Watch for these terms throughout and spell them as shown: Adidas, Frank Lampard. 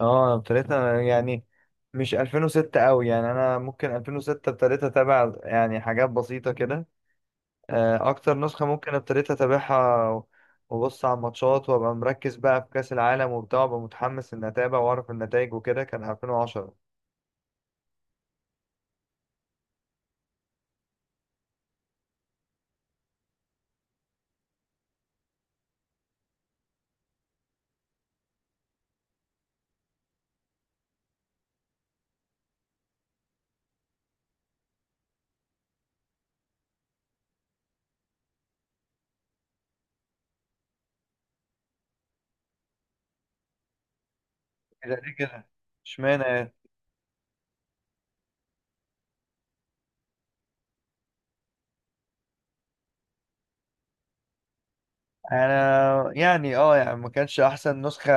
اه، ابتديتها يعني. مش 2006 قوي يعني، انا ممكن 2006 ابتديت اتابع يعني حاجات بسيطة كده. اكتر نسخة ممكن ابتديت اتابعها وابص على الماتشات وابقى مركز بقى في كأس العالم وبتاع، وابقى متحمس ان اتابع واعرف النتائج وكده، كان 2010. كده ليه كده؟ اشمعنى يعني؟ انا يعني اه يعني ما كانش احسن نسخة،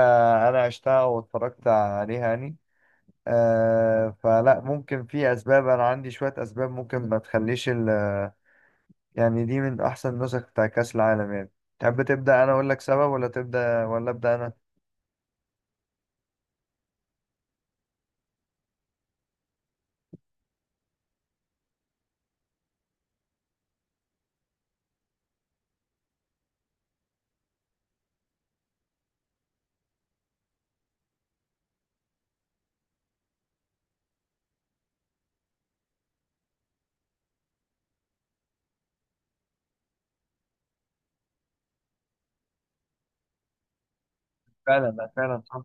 انا عشتها واتفرجت عليها يعني. آه، فلا، ممكن في اسباب، انا عندي شوية اسباب ممكن ما تخليش يعني دي من احسن النسخ بتاع كاس العالم يعني. تحب تبدا انا اقول لك سبب، ولا تبدا، ولا ابدا انا؟ فعلا لا، فعلا صح.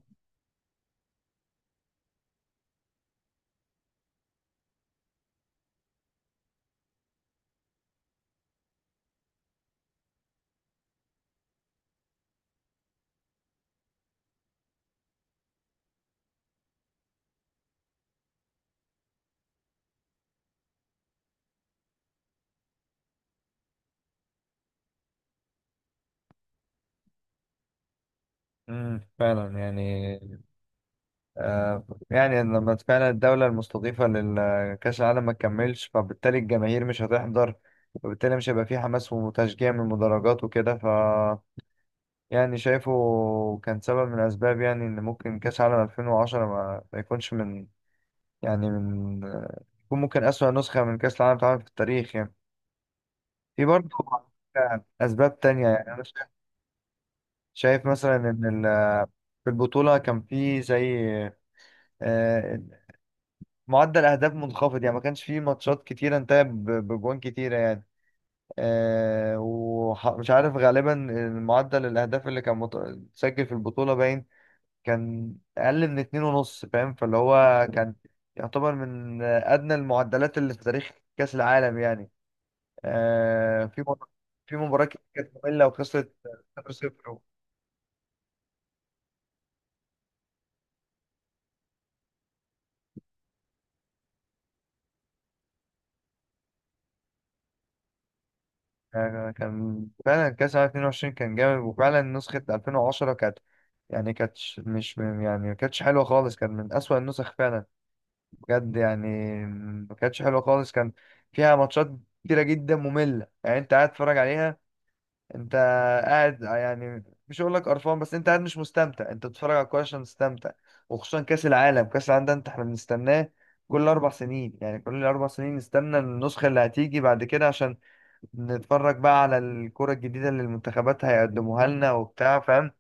فعلا يعني. آه يعني، لما فعلا الدولة المستضيفة لكأس العالم ما تكملش، فبالتالي الجماهير مش هتحضر، وبالتالي مش هيبقى فيه حماس وتشجيع من المدرجات وكده. ف يعني شايفه كان سبب من الأسباب يعني، إن ممكن كأس العالم 2010 ما يكونش من يعني من يكون ممكن أسوأ نسخة من كأس العالم اتعملت في التاريخ يعني. في برضه أسباب تانية يعني، أنا شايف، شايف مثلا إن في البطولة كان في زي آه، معدل أهداف منخفض يعني. ما كانش في ماتشات كتيرة انتهت بجوان كتيرة يعني. ومش عارف غالبا معدل الأهداف اللي كان اتسجل في البطولة باين كان أقل من اتنين ونص، فاهم؟ فاللي هو كان يعتبر من أدنى المعدلات اللي في تاريخ كأس العالم يعني. آه، في مر- في مباراة كتير كانت مملة وخسرت 0-0. كان فعلا كاس العالم 22 كان جامد، وفعلا نسخة 2010 كانت يعني كانتش مش يعني ما كانتش حلوة خالص، كان من أسوأ النسخ فعلا بجد يعني. ما كانتش حلوة خالص، كان فيها ماتشات كتيرة جدا مملة يعني. أنت قاعد تتفرج عليها، أنت قاعد يعني، مش هقول لك قرفان، بس أنت قاعد مش مستمتع. أنت بتتفرج على الكورة عشان تستمتع، وخصوصا كأس العالم. كأس العالم ده أنت، إحنا بنستناه كل أربع سنين يعني. كل أربع سنين نستنى النسخة اللي هتيجي بعد كده، عشان نتفرج بقى على الكرة الجديدة اللي المنتخبات هيقدموها لنا وبتاع، فاهم؟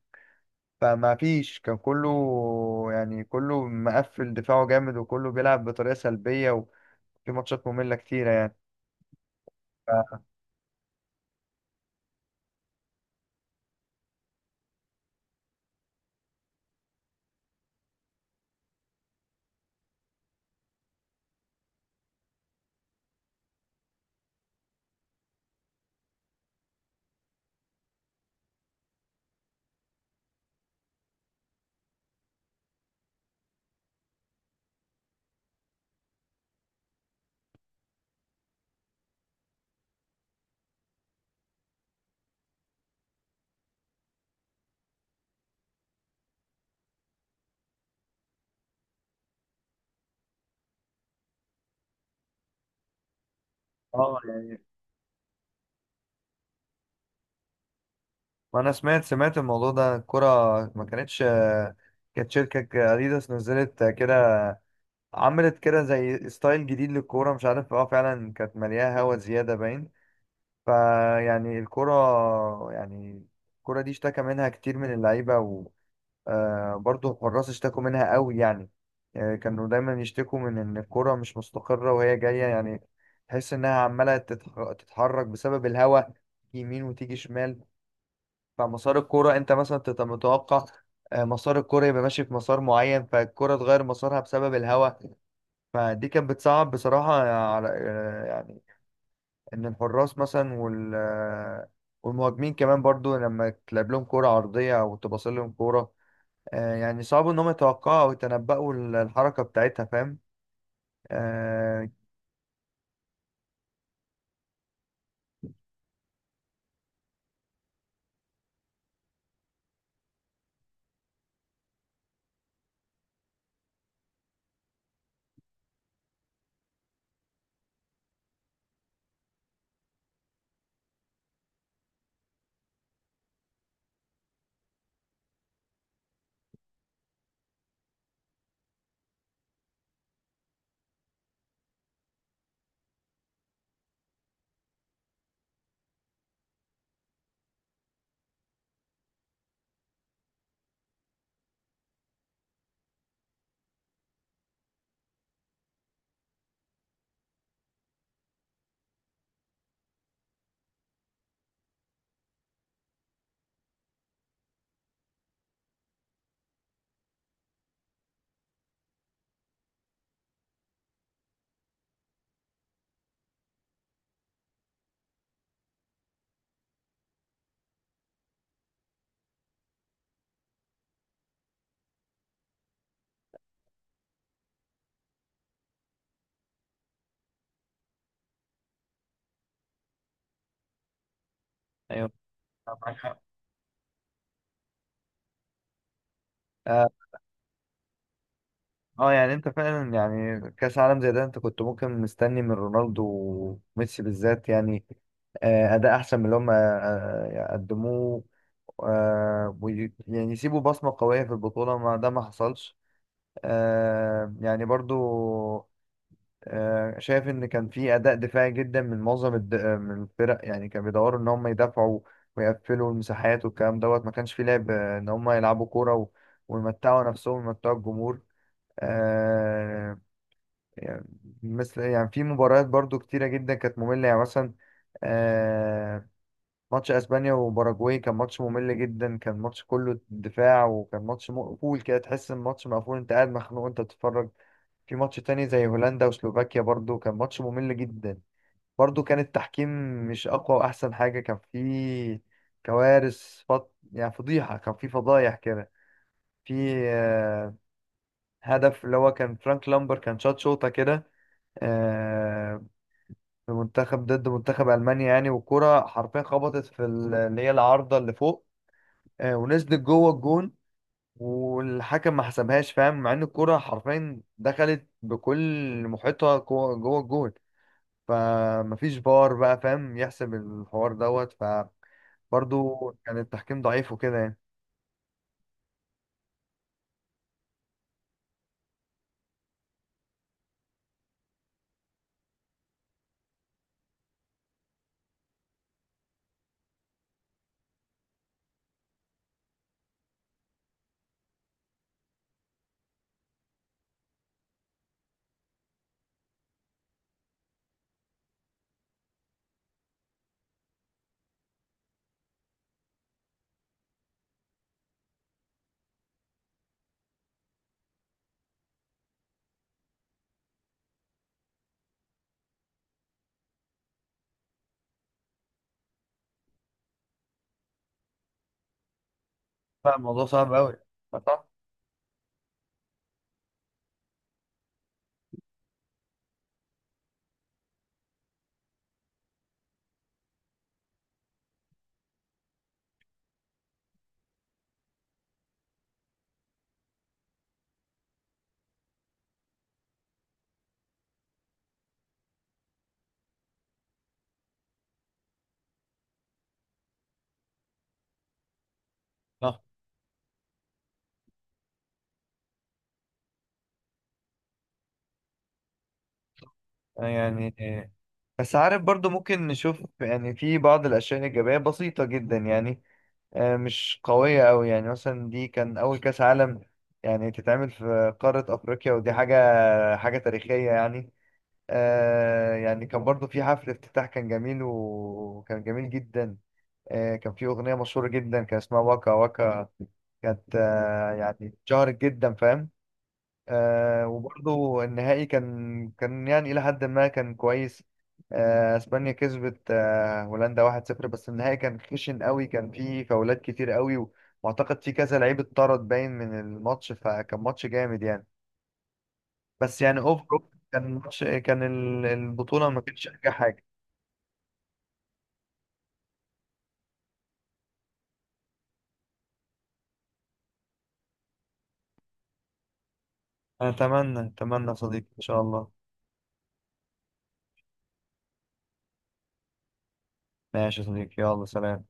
فما فيش، كان كله يعني كله مقفل، دفاعه جامد، وكله بيلعب بطريقة سلبية، وفي ماتشات مملة كتيرة يعني. ف- اه يعني، وانا سمعت الموضوع ده. الكرة ما كانتش، كانت شركة اديداس نزلت كده، عملت كده زي ستايل جديد للكورة، مش عارف، اه فعلا كانت مليانة هوا زيادة باين. فيعني الكرة يعني، الكرة دي اشتكى منها كتير من اللعيبة، وبرضه الحراس اشتكوا منها قوي يعني. كانوا دايما يشتكوا من إن الكرة مش مستقرة وهي جاية يعني، تحس إنها عمالة تتحرك بسبب الهواء يمين وتيجي شمال. فمسار الكرة أنت مثلا تبقى متوقع مسار الكرة يبقى ماشي في مسار معين، فالكرة تغير مسارها بسبب الهواء. فدي كانت بتصعب بصراحة على ان الحراس مثلا والمهاجمين كمان برضو، لما تلعب لهم كرة عرضية او تباصي لهم كرة يعني صعب انهم يتوقعوا او يتنبأوا الحركة بتاعتها، فاهم؟ آه، ايوه، معاك حق. اه يعني انت فعلا يعني كاس عالم زي ده، انت كنت ممكن مستني من رونالدو وميسي بالذات يعني اداء احسن من اللي هم قدموه يعني يسيبوا بصمه قويه في البطوله، ما ده ما حصلش. يعني برضو شايف ان كان في اداء دفاعي جدا من معظم الد... آه، من الفرق يعني. كانوا بيدوروا ان هم يدافعوا ويقفلوا المساحات والكلام دوت، ما كانش في لعب ان هم يلعبوا كوره ويمتعوا نفسهم ويمتعوا الجمهور. آه يعني، مثل يعني في مباريات برضو كتيره جدا كانت ممله يعني. مثلا آه، ماتش اسبانيا وباراجواي كان ماتش ممل جدا، كان ماتش كله دفاع، وكان ماتش مقفول كده، تحس ان الماتش مقفول، انت قاعد مخنوق انت بتتفرج. في ماتش تاني زي هولندا وسلوفاكيا برضو كان ماتش ممل جدا. برضو كان التحكيم مش أقوى وأحسن حاجة. كان في كوارث يعني فضيحة، كان في فضايح كده. في آه، هدف اللي هو كان فرانك لامبر كان شاط شوطة كده آه، في منتخب ضد منتخب ألمانيا يعني. والكرة حرفيا خبطت في اللي هي العارضة اللي فوق ونزلت جوه الجون، والحكم ما حسبهاش، فاهم؟ مع ان الكرة حرفيا دخلت بكل محيطها جوه جوه الجون. فمفيش فار بقى، فاهم، يحسب الحوار دوت. فبرضه كان التحكيم ضعيف وكده يعني. فالموضوع صعب قوي. صح، صح يعني. بس عارف برضه ممكن نشوف يعني في بعض الأشياء الإيجابية بسيطة جدا يعني مش قوية أوي يعني. مثلا دي كان أول كأس عالم يعني تتعمل في قارة أفريقيا، ودي حاجة، حاجة تاريخية يعني. آه يعني، كان برضه في حفل افتتاح، كان جميل وكان جميل جدا. كان في أغنية مشهورة جدا كان اسمها واكا واكا، كانت يعني اتشهرت جدا، فاهم؟ وبرضو النهائي كان يعني إلى حد ما كان كويس. اسبانيا كسبت هولندا 1-0، بس النهائي كان خشن قوي، كان فيه فاولات كتير قوي، واعتقد في كذا لعيب اتطرد باين من الماتش، فكان ماتش جامد يعني، بس يعني اوفر. كان ماتش، كان البطولة ما كانتش أنجح حاجة. أتمنى يا صديقي، إن شاء الله. ماشي يا صديقي، يلا، سلام.